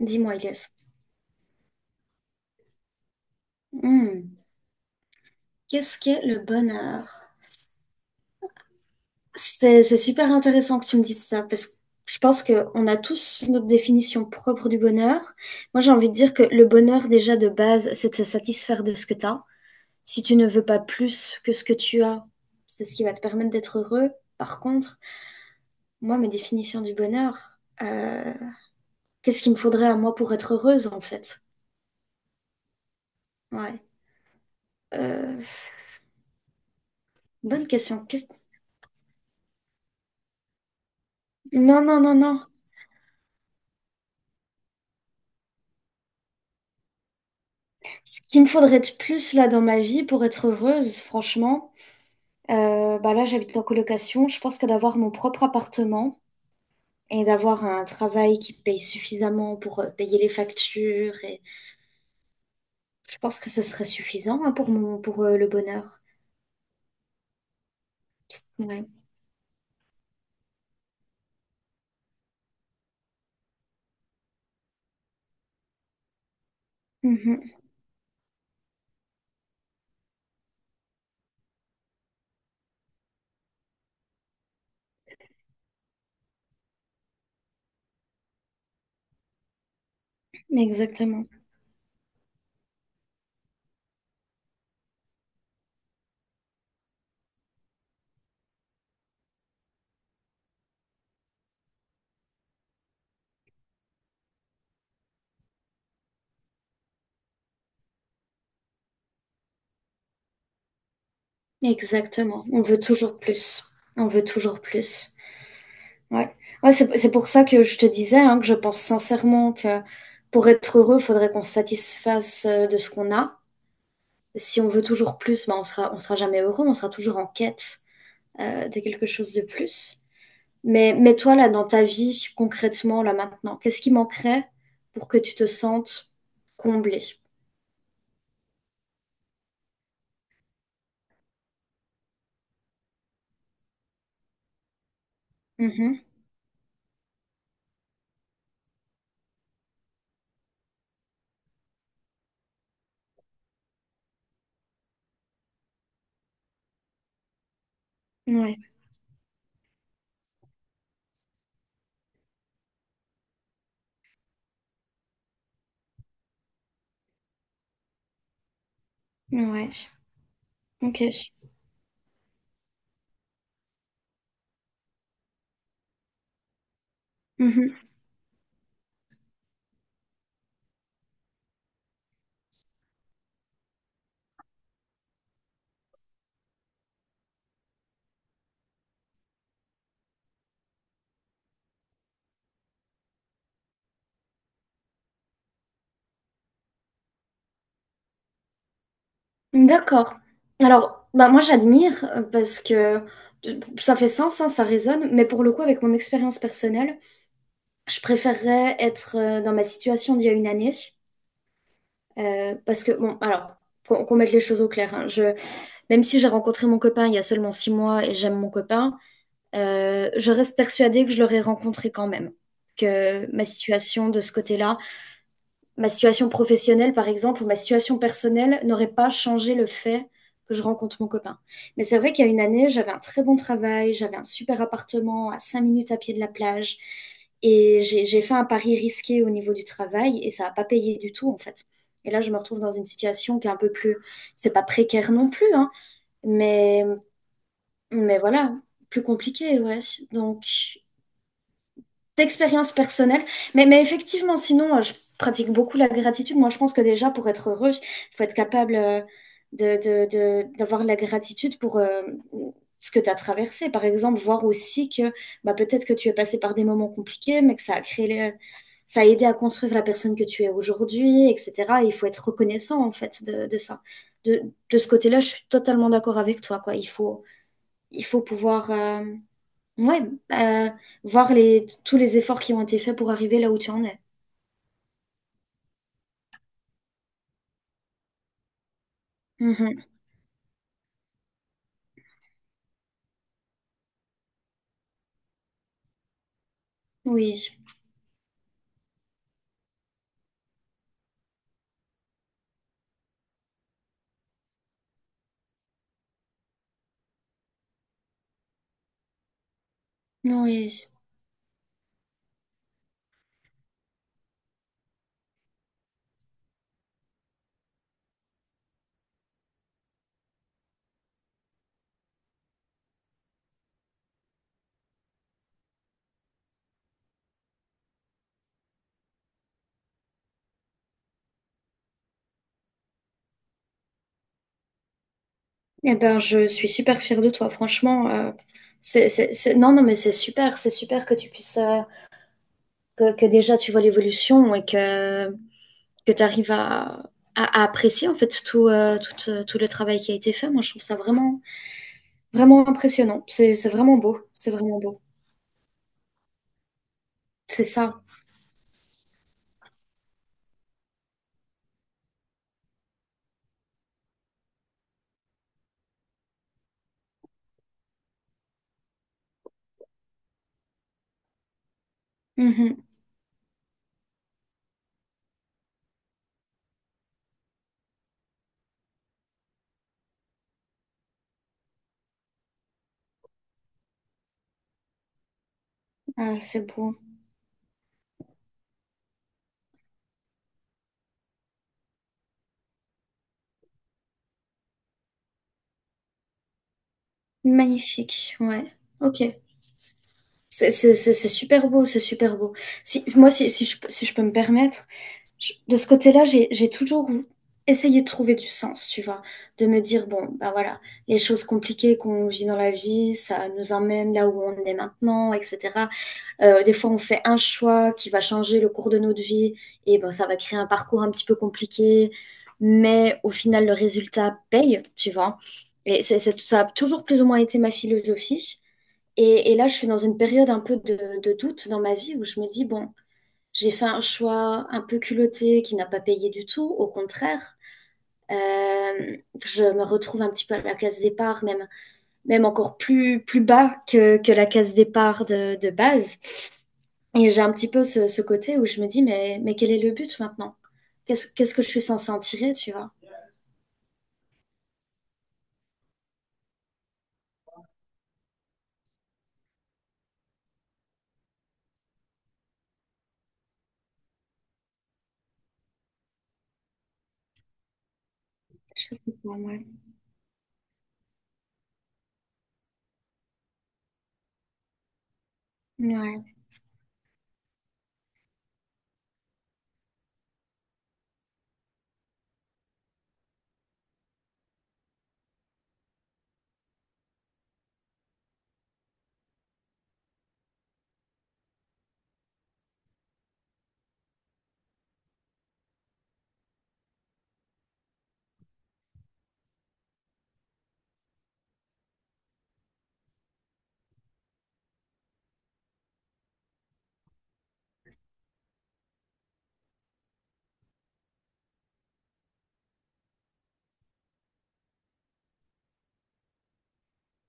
Dis-moi, Elias, Hmm. qu'est-ce qu'est le bonheur? C'est super intéressant que tu me dises ça parce que je pense qu'on a tous notre définition propre du bonheur. Moi, j'ai envie de dire que le bonheur, déjà de base, c'est de se satisfaire de ce que tu as. Si tu ne veux pas plus que ce que tu as, c'est ce qui va te permettre d'être heureux. Par contre, moi, ma définition du bonheur, qu'est-ce qu'il me faudrait à moi pour être heureuse en fait? Ouais. Euh, bonne question. Non, non, non, non. Ce qu'il me faudrait de plus là dans ma vie pour être heureuse, franchement, bah là j'habite en colocation. Je pense que d'avoir mon propre appartement et d'avoir un travail qui paye suffisamment pour payer les factures, et je pense que ce serait suffisant hein, pour le bonheur. Ouais. Mhm. Exactement. Exactement. On veut toujours plus. On veut toujours plus. Ouais. Ouais, c'est pour ça que je te disais hein, que je pense sincèrement que pour être heureux, il faudrait qu'on se satisfasse de ce qu'on a. Si on veut toujours plus, bah, on sera jamais heureux, on sera toujours en quête de quelque chose de plus. Mais toi, là, dans ta vie, concrètement, là, maintenant, qu'est-ce qui manquerait pour que tu te sentes comblée? Mhm. Ouais, ouais, ok. Mhm. D'accord. Alors, bah, moi, j'admire parce que ça fait sens, hein, ça résonne, mais pour le coup, avec mon expérience personnelle, je préférerais être dans ma situation d'il y a une année parce que, bon, alors, qu'on mette les choses au clair, hein, même si j'ai rencontré mon copain il y a seulement 6 mois et j'aime mon copain, je reste persuadée que je l'aurais rencontré quand même. Que ma situation de ce côté-là, ma situation professionnelle par exemple, ou ma situation personnelle n'aurait pas changé le fait que je rencontre mon copain. Mais c'est vrai qu'il y a une année, j'avais un très bon travail, j'avais un super appartement à 5 minutes à pied de la plage, et j'ai fait un pari risqué au niveau du travail, et ça n'a pas payé du tout en fait. Et là, je me retrouve dans une situation qui est un peu plus, c'est pas précaire non plus, hein, mais voilà, plus compliqué, ouais. Donc, d'expérience personnelle. Mais effectivement, sinon, je pratique beaucoup la gratitude. Moi, je pense que déjà, pour être heureux, il faut être capable de, de- d'avoir la gratitude pour ce que tu as traversé. Par exemple, voir aussi que bah, peut-être que tu es passé par des moments compliqués, mais que ça a aidé à construire la personne que tu es aujourd'hui, etc. Il faut être reconnaissant, en fait, de ça. De, de ce côté-là, je suis totalement d'accord avec toi, quoi. Il faut pouvoir. Ouais, euh, voir tous les efforts qui ont été faits pour arriver là où tu en es. Mhm. Oui, oui. Eh ben, je suis super fière de toi, franchement. Non, non, mais c'est super que tu puisses, que déjà tu vois l'évolution et que tu arrives à, à apprécier en fait tout le travail qui a été fait. Moi, je trouve ça vraiment, vraiment impressionnant. C'est vraiment beau, c'est vraiment beau. C'est ça. Mhm. Ah, c'est beau. Magnifique, ouais. Ok. C'est super beau, c'est super beau. Si, moi, si je peux me permettre, de ce côté-là, j'ai toujours essayé de trouver du sens, tu vois, de me dire, bon, bah voilà, les choses compliquées qu'on vit dans la vie, ça nous emmène là où on est maintenant, etc. Des fois, on fait un choix qui va changer le cours de notre vie, et ben, ça va créer un parcours un petit peu compliqué, mais au final, le résultat paye, tu vois. Et ça a toujours plus ou moins été ma philosophie. Et là, je suis dans une période un peu de doute dans ma vie où je me dis, bon, j'ai fait un choix un peu culotté qui n'a pas payé du tout, au contraire. Euh, je me retrouve un petit peu à la case départ, même, même encore plus, plus bas que la case départ de base. Et j'ai un petit peu ce, ce côté où je me dis, mais quel est le but maintenant? Qu'est-ce que je suis censée en tirer, tu vois? Je sais pas, ouais. Ouais,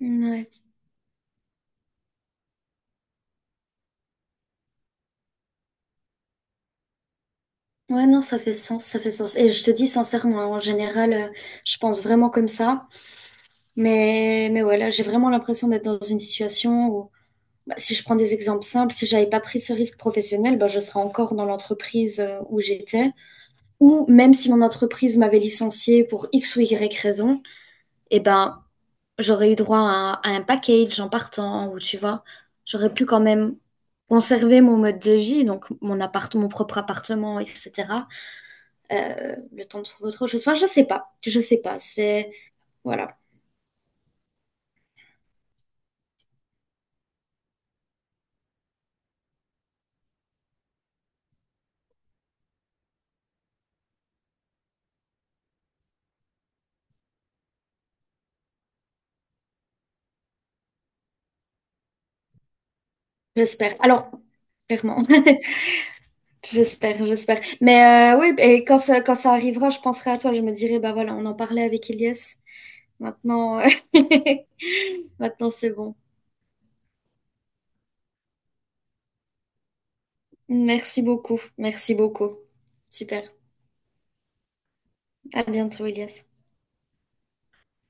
ouais. Ouais, non, ça fait sens, ça fait sens. Et je te dis sincèrement, en général, je pense vraiment comme ça. Mais voilà, j'ai vraiment l'impression d'être dans une situation où, bah, si je prends des exemples simples, si j'avais pas pris ce risque professionnel, bah, je serais encore dans l'entreprise où j'étais. Ou même si mon entreprise m'avait licenciée pour X ou Y raison, eh ben, j'aurais eu droit à un package en partant, ou tu vois, j'aurais pu quand même conserver mon mode de vie, donc mon appart, mon propre appartement, etc. Le temps de trouver autre chose. Enfin, je sais pas, je sais pas. C'est, voilà. J'espère. Alors, clairement. J'espère, j'espère. Mais oui, et quand ça arrivera, je penserai à toi. Je me dirai, bah voilà, on en parlait avec Elias. Maintenant, maintenant c'est bon. Merci beaucoup. Merci beaucoup. Super. À bientôt, Elias.